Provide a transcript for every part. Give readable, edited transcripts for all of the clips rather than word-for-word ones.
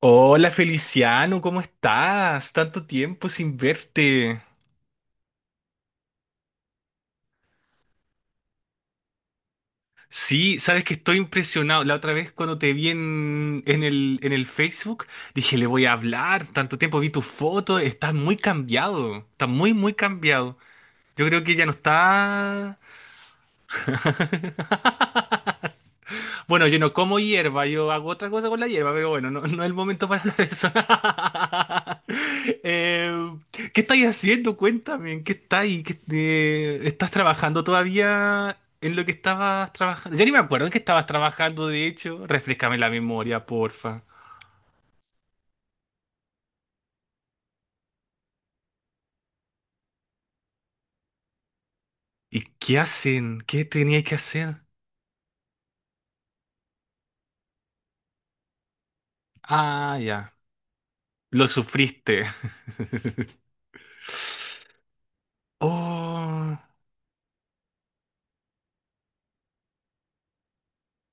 Hola Feliciano, ¿cómo estás? Tanto tiempo sin verte. Sí, sabes que estoy impresionado. La otra vez cuando te vi en el Facebook, dije, le voy a hablar. Tanto tiempo vi tu foto, estás muy cambiado. Estás muy, muy cambiado. Yo creo que ya no está. Bueno, yo no como hierba, yo hago otra cosa con la hierba, pero bueno, no, no es el momento para hablar de eso. Eh, ¿qué estáis haciendo? Cuéntame, ¿en qué estáis? ¿Estás trabajando todavía en lo que estabas trabajando? Ya ni me acuerdo en qué estabas trabajando, de hecho. Refrescame la memoria, porfa. ¿Y qué hacen? ¿Qué teníais que hacer? Ah, ya. Lo sufriste. Oh,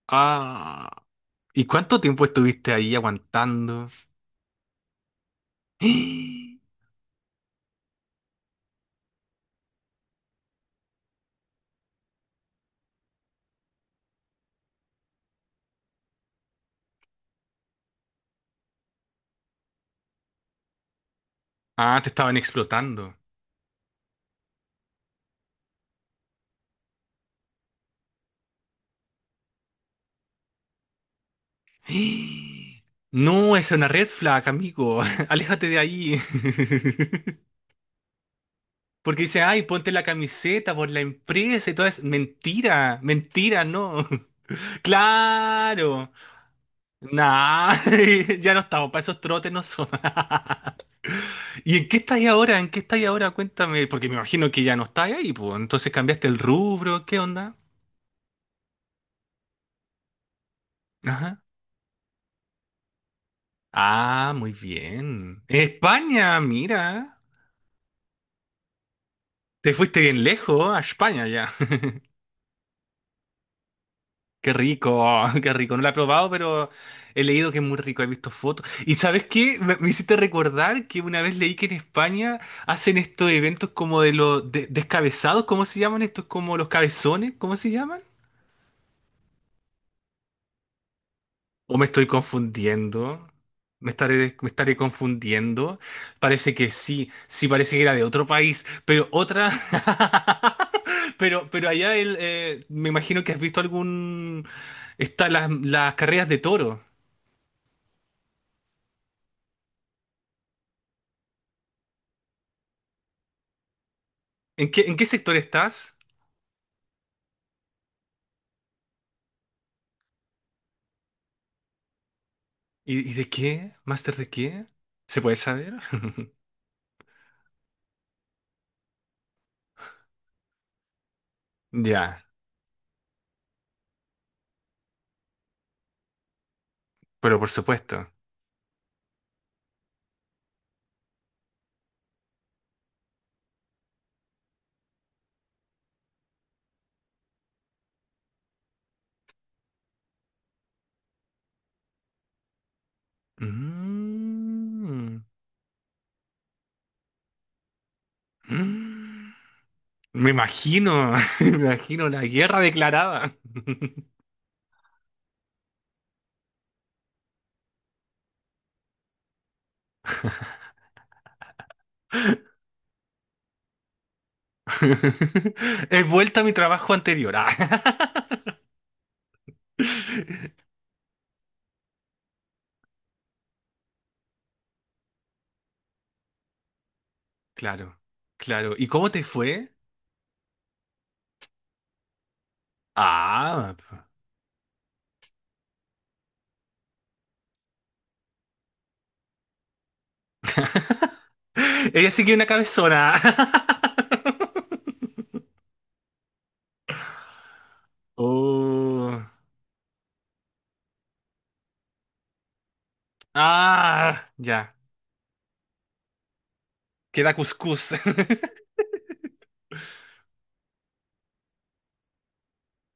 ah. ¿Y cuánto tiempo estuviste ahí aguantando? Ah, te estaban explotando. No, esa es una red flag, amigo. Aléjate de ahí. Porque dice, ay, ponte la camiseta por la empresa y todo eso. Mentira, mentira, no. Claro. Nah, ya no estamos para esos trotes, no son. ¿Y en qué estáis ahora? ¿En qué estáis ahora? Cuéntame. Porque me imagino que ya no estáis ahí, pues. Entonces cambiaste el rubro, ¿qué onda? Ajá. Ah, muy bien. España, mira. Te fuiste bien lejos, a España ya. Qué rico, qué rico. No lo he probado, pero he leído que es muy rico, he visto fotos. ¿Y sabes qué? Me hiciste recordar que una vez leí que en España hacen estos eventos como de descabezados, ¿cómo se llaman estos? Como los cabezones, ¿cómo se llaman? ¿O me estoy confundiendo? ¿Me estaré confundiendo? Parece que sí, sí parece que era de otro país, pero otra... pero allá me imagino que has visto algún... Está las carreras de toro. ¿En qué sector estás? Y de qué? ¿Máster de qué? ¿Se puede saber? Ya, pero por supuesto. Mm. Mm. Me imagino, me imagino la guerra declarada. He vuelto a mi trabajo anterior. Ah. Claro, claro. ¿Y cómo te fue? Ah, ella sí que es una cabezona. Oh. Ah, ya. Queda cuscús.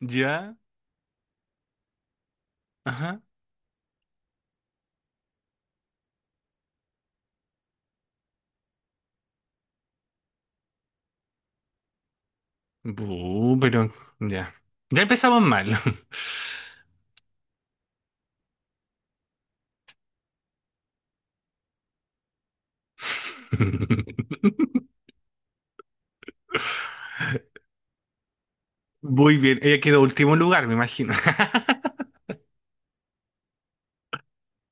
Ya. Ajá. Bu, pero ya. Ya empezamos mal. Muy bien. Ella quedó último lugar, me imagino.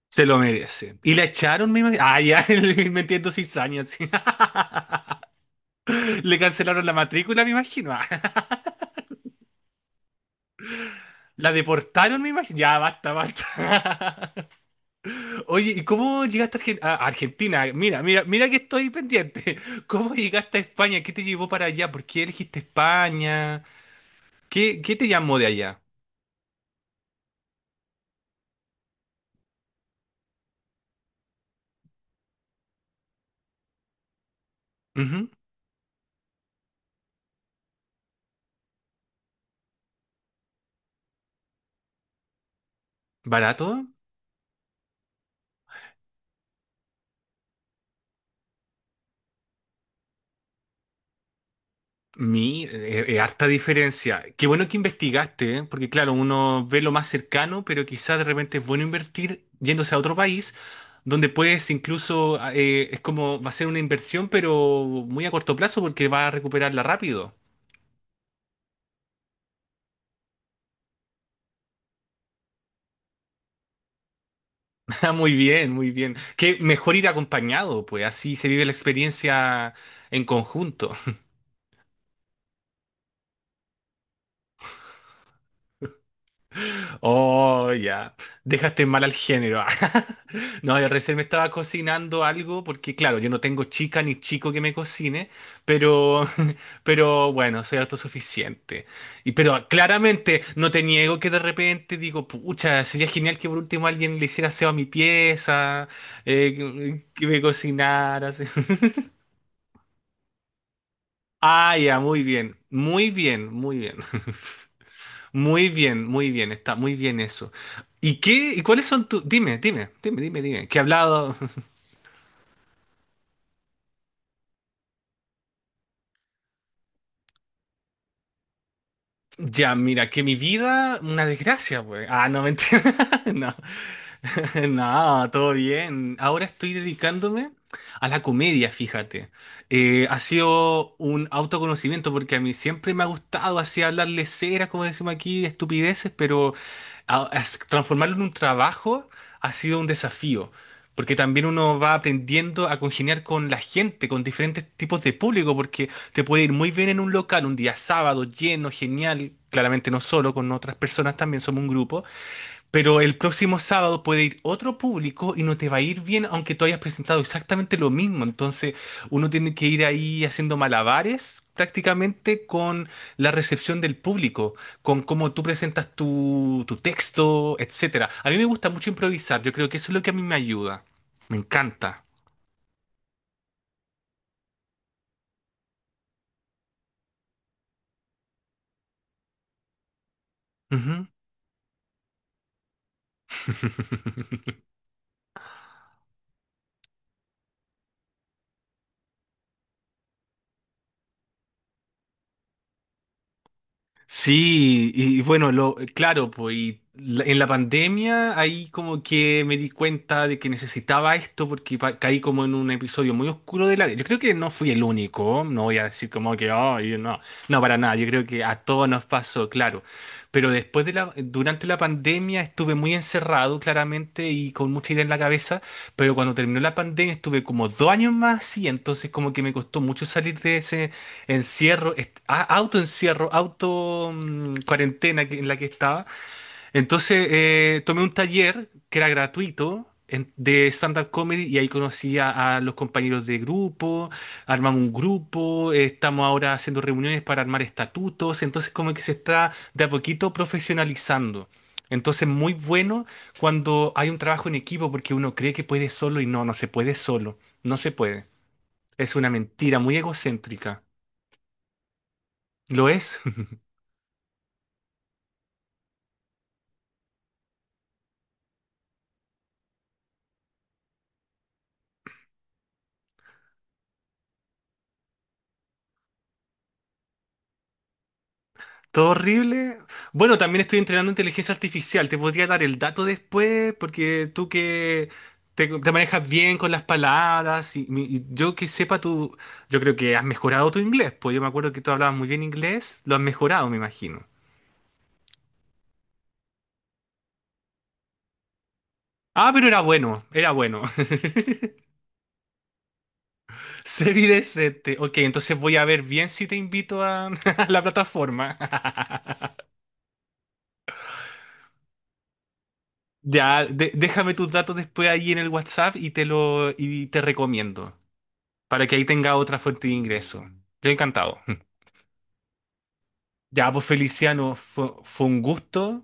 Se lo merece. Y la echaron, me imagino. Ah, ya, metiendo cizañas. Sí. Le cancelaron la matrícula, me imagino. La deportaron, me imagino. Ya, basta, basta. Oye, ¿y cómo llegaste a Argentina? Mira, mira, mira que estoy pendiente. ¿Cómo llegaste a España? ¿Qué te llevó para allá? ¿Por qué elegiste España? ¿Qué, qué te llamó de allá? Ujú. ¿Barato? Harta diferencia. Qué bueno que investigaste, ¿eh? Porque claro, uno ve lo más cercano, pero quizás de repente es bueno invertir yéndose a otro país, donde puedes incluso, ah, es como, va a ser una inversión, pero muy a corto plazo, porque va a recuperarla rápido. Ah, muy bien, muy bien. Qué mejor ir acompañado, pues así se vive la experiencia en conjunto. Oh, ya. Dejaste mal al género. No, yo recién me estaba cocinando algo porque, claro, yo no tengo chica ni chico que me cocine, pero, pero bueno, soy autosuficiente. Y, pero claramente no te niego que de repente digo, pucha, sería genial que por último alguien le hiciera aseo a mi pieza, que me cocinara. así. Ah, ya, muy bien, muy bien, muy bien. Muy bien, está muy bien eso. ¿Y qué? ¿Y cuáles son tus? Dime, dime, dime, dime, dime. ¿Qué ha hablado? Ya, mira, que mi vida, una desgracia, pues. Ah, no, mentira. No. No, todo bien. Ahora estoy dedicándome a la comedia, fíjate. Ha sido un autoconocimiento porque a mí siempre me ha gustado así hablarle ceras, como decimos aquí, estupideces, pero transformarlo en un trabajo ha sido un desafío. Porque también uno va aprendiendo a congeniar con la gente, con diferentes tipos de público, porque te puede ir muy bien en un local, un día sábado, lleno, genial. Claramente no solo, con otras personas también somos un grupo. Pero el próximo sábado puede ir otro público y no te va a ir bien aunque tú hayas presentado exactamente lo mismo. Entonces uno tiene que ir ahí haciendo malabares prácticamente con la recepción del público, con cómo tú presentas tu texto, etcétera. A mí me gusta mucho improvisar. Yo creo que eso es lo que a mí me ayuda. Me encanta. Ujú. Sí, y bueno, lo, claro, pues y en la pandemia ahí como que me di cuenta de que necesitaba esto porque caí como en un episodio muy oscuro de la vida. Yo creo que no fui el único, no voy a decir como que, "Ay, no, no, para nada, yo creo que a todos nos pasó, claro. Pero después de la, durante la pandemia estuve muy encerrado, claramente, y con mucha idea en la cabeza, pero cuando terminó la pandemia estuve como dos años más y entonces como que me costó mucho salir de ese encierro, autoencierro, auto cuarentena en la que estaba. Entonces tomé un taller que era gratuito de stand-up comedy y ahí conocí a los compañeros de grupo, armamos un grupo, estamos ahora haciendo reuniones para armar estatutos, entonces como que se está de a poquito profesionalizando. Entonces, muy bueno cuando hay un trabajo en equipo porque uno cree que puede solo y no, no se puede solo, no se puede. Es una mentira muy egocéntrica. ¿Lo es? Todo horrible. Bueno, también estoy entrenando inteligencia artificial. Te podría dar el dato después, porque tú que te manejas bien con las palabras y, y yo que sepa, tú, yo creo que has mejorado tu inglés. Pues yo me acuerdo que tú hablabas muy bien inglés, lo has mejorado, me imagino. Ah, pero era bueno, era bueno. Serie decente. Ok, entonces voy a ver bien si te invito a, a la plataforma. Ya, déjame tus datos después ahí en el WhatsApp y te lo y te recomiendo. Para que ahí tenga otra fuente de ingreso. Yo encantado. Ya, pues Feliciano, fue un gusto.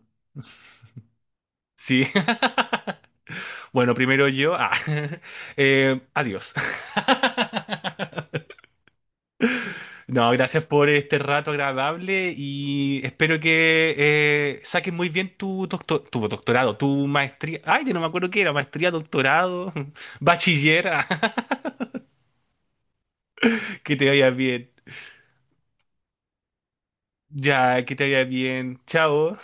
Sí. Bueno, primero yo. Ah. Adiós. No, gracias por este rato agradable y espero que saques muy bien tu doctorado, tu maestría. Ay, yo no me acuerdo qué era, maestría, doctorado, bachiller. Que te vaya bien. Ya, que te vaya bien. Chao.